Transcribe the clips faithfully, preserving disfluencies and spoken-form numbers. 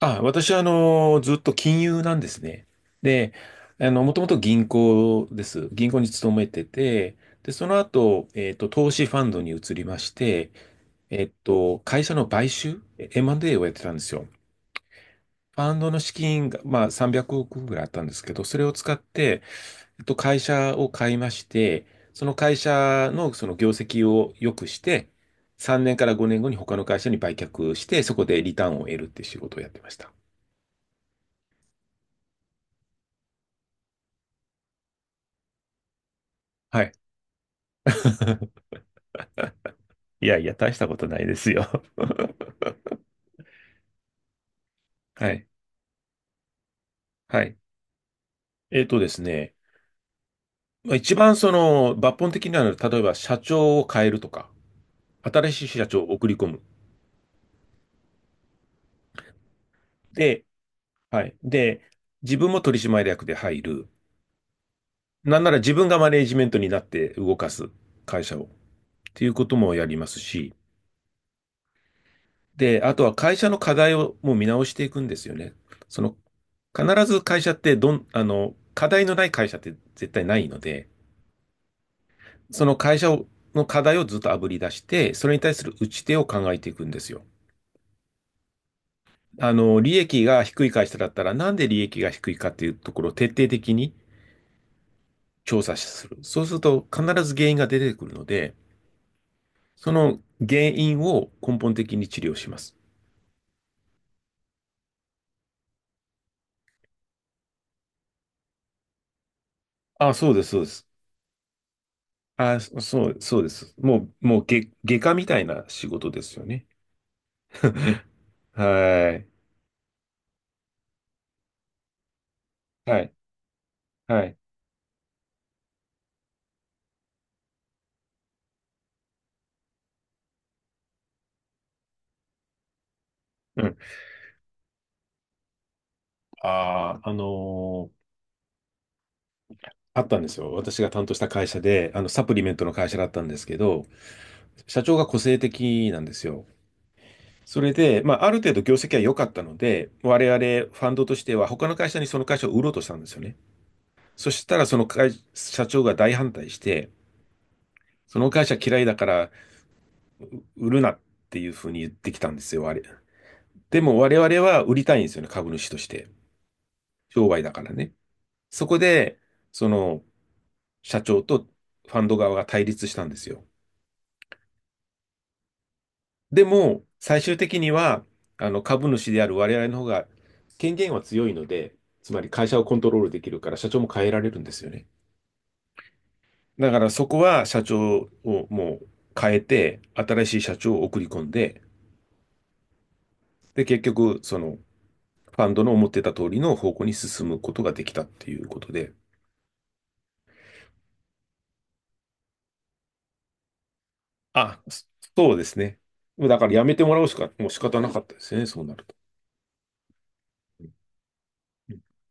あ、私は、あの、ずっと金融なんですね。で、あの、もともと銀行です。銀行に勤めてて、で、その後、えっと、投資ファンドに移りまして、えっと、会社の買収、え エムアンドエー をやってたんですよ。ファンドの資金が、まあ、さんびゃくおくぐらいあったんですけど、それを使って、えっと、会社を買いまして、その会社のその業績を良くして、さんねんからごねんごに他の会社に売却して、そこでリターンを得るっていう仕事をやってました。はい。いやいや、大したことないですよ。はい。はい。えっとですね。まあ一番その抜本的なのは、例えば社長を変えるとか、新しい社長を送り込む。で、はい。で、自分も取締役で入る。なんなら自分がマネージメントになって動かす会社を。っていうこともやりますし。で、あとは会社の課題をもう見直していくんですよね。その、必ず会社ってどん、あの、課題のない会社って絶対ないので、その会社をの課題をずっと炙り出して、それに対する打ち手を考えていくんですよ。あの、利益が低い会社だったら、なんで利益が低いかっていうところを徹底的に調査する。そうすると必ず原因が出てくるので、その原因を根本的に治療します。あ、そうです、そうです。あ、そう、そうです。もう、もう外、外科みたいな仕事ですよね。はい。はい。はい。うん。ああ、あのーあったんですよ。私が担当した会社で、あの、サプリメントの会社だったんですけど、社長が個性的なんですよ。それで、まあ、ある程度業績は良かったので、我々ファンドとしては他の会社にその会社を売ろうとしたんですよね。そしたらその会、社長が大反対して、その会社嫌いだから売るなっていうふうに言ってきたんですよ、あれ。でも我々は売りたいんですよね、株主として。商売だからね。そこで、その社長とファンド側が対立したんですよ。でも、最終的には、あの、株主である我々の方が権限は強いので、つまり会社をコントロールできるから社長も変えられるんですよね。だからそこは社長をもう変えて、新しい社長を送り込んで、で、結局、その、ファンドの思ってた通りの方向に進むことができたっていうことで。あ、そそうですね。だからやめてもらうしか、もう仕方なかったですね、そうなると。うん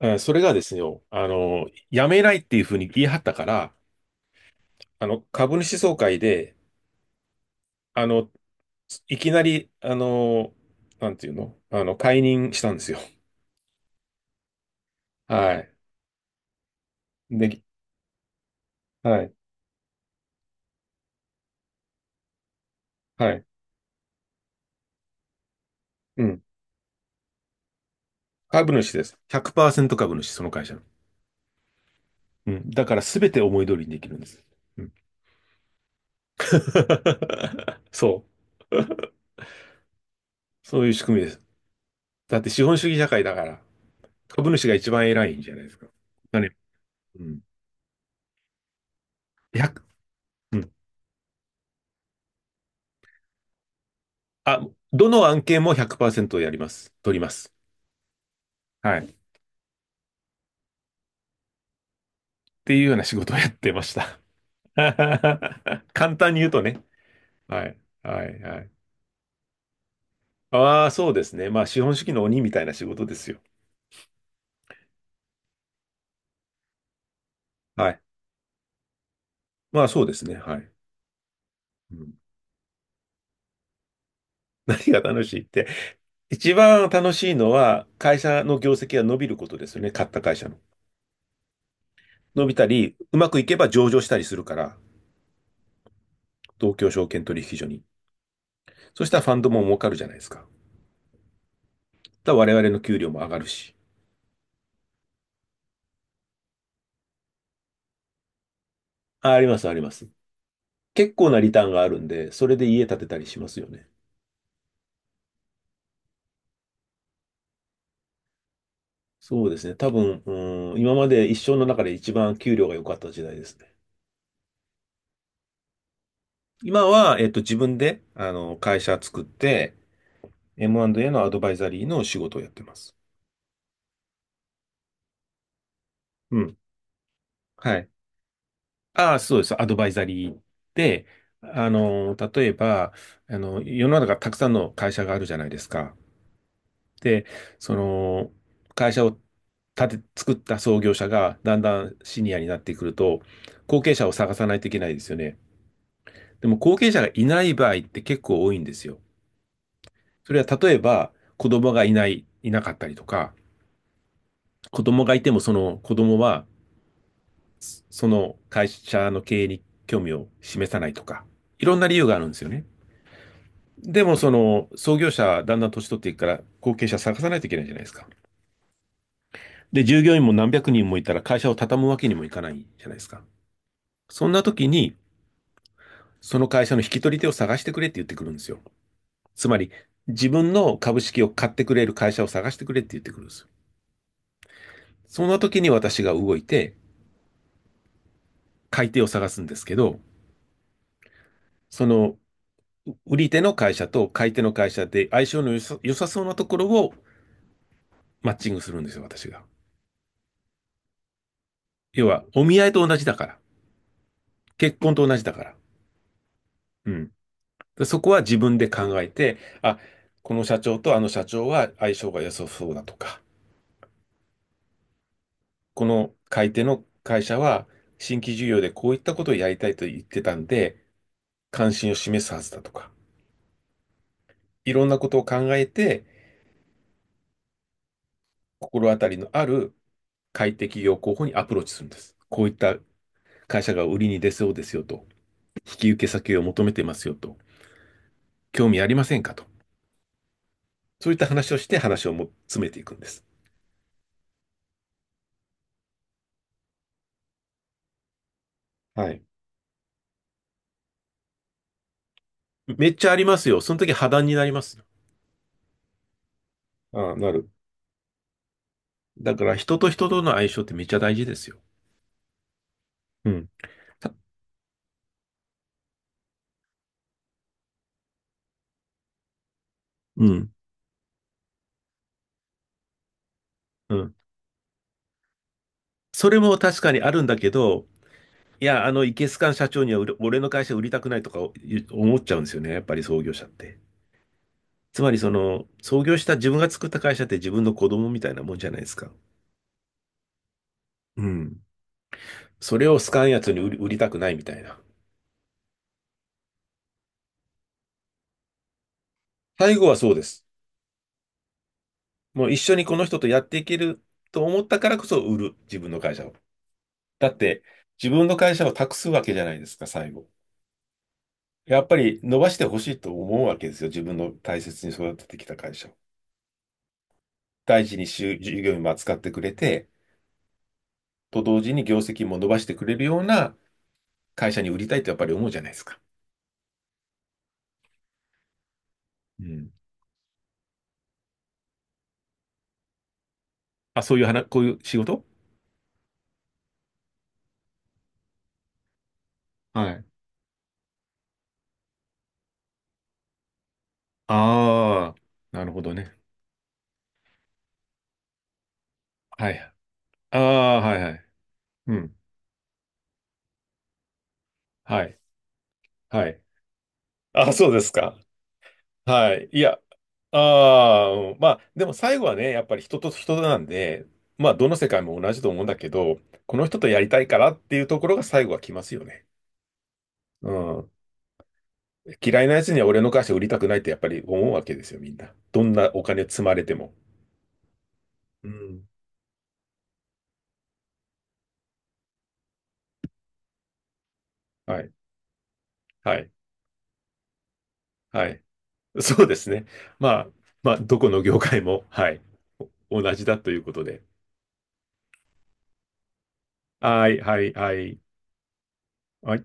えーそれがですよ、あの、やめないっていうふうに言い張ったから、あの、株主総会で、あの、いきなり、あの、なんていうのあの、解任したんですよ。はい。で、はい。はい。うん。株主です。ひゃくパーセント株主、その会社の。うん。だから全て思い通りにできるんです。うん。そう。そういう仕組みです。だって資本主義社会だから、株主が一番偉いんじゃないですか。だね。うん。いちうん。あ、どの案件もひゃくパーセントやります。取ります。はい。っていうような仕事をやってました。簡単に言うとね。はい。はい。はい。ああ、そうですね。まあ、資本主義の鬼みたいな仕事ですよ。はい。まあ、そうですね。はい。うん、何が楽しいって。一番楽しいのは、会社の業績が伸びることですよね。買った会社の。伸びたり、うまくいけば上場したりするから、東京証券取引所に。そしたらファンドも儲かるじゃないですか。だから我々の給料も上がるし。あ、あります、あります。結構なリターンがあるんで、それで家建てたりしますよね。そうですね。多分、うん、今まで一生の中で一番給料が良かった時代ですね。今は、えっと、自分で、あの、会社作って、エムアンドエー のアドバイザリーの仕事をやってます。うん。はい。ああ、そうです。アドバイザリーで、あの、例えば、あの、世の中たくさんの会社があるじゃないですか。で、その、会社を立て、作った創業者がだんだんシニアになってくると、後継者を探さないといけないですよね。でも後継者がいない場合って結構多いんですよ。それは例えば子供がいない、いなかったりとか、子供がいてもその子供はその会社の経営に興味を示さないとか、いろんな理由があるんですよね。でもその創業者だんだん年取っていくから後継者探さないといけないじゃないですか。で、従業員も何百人もいたら会社を畳むわけにもいかないじゃないですか。そんな時にその会社の引き取り手を探してくれって言ってくるんですよ。つまり自分の株式を買ってくれる会社を探してくれって言ってくるんですよ。その時に私が動いて、買い手を探すんですけど、その、売り手の会社と買い手の会社で相性の良さ、良さそうなところをマッチングするんですよ、私が。要は、お見合いと同じだから。結婚と同じだから。うん。でそこは自分で考えて、あ、この社長とあの社長は相性が良さそうだとか、この買い手の会社は新規事業でこういったことをやりたいと言ってたんで、関心を示すはずだとか、いろんなことを考えて、心当たりのある快適業候補にアプローチするんです。こういった会社が売りに出そうですよと、引き受け先を求めてますよと、興味ありませんかと、そういった話をして話をも詰めていくんです。はい。めっちゃありますよ。その時破談になりますよ。ああ、なる。だから人と人との相性ってめっちゃ大事ですよ。うん。たうん。うん。それも確かにあるんだけど、いや、あの、イケスカん社長には売れ俺の会社売りたくないとか思っちゃうんですよね。やっぱり創業者って。つまりその、創業した自分が作った会社って自分の子供みたいなもんじゃないですか。うん。それを好かんやつに売り、売りたくないみたいな。最後はそうです。もう一緒にこの人とやっていけると思ったからこそ売る、自分の会社を。だって、自分の会社を託すわけじゃないですか、最後。やっぱり伸ばしてほしいと思うわけですよ。自分の大切に育ててきた会社を。大事に従業員も扱ってくれて、と同時に業績も伸ばしてくれるような会社に売りたいとやっぱり思うじゃないですか。うん。あ、そういう話、こういう仕事はい。ああ、なるほどね。はい。ああ、はいはい。うん。はい。はい。あ、そうですか。はい。いや、ああ、うんまあ、でも最後はね、やっぱり人と人なんで、まあ、どの世界も同じと思うんだけど、この人とやりたいからっていうところが最後は来ますよね。うん。嫌いなやつには俺の会社売りたくないってやっぱり思うわけですよ、みんな。どんなお金積まれても。うん。はい。はい。はい。そうですね。まあ、まあ、どこの業界も、はい。同じだということで。はい、はい、はい。はい。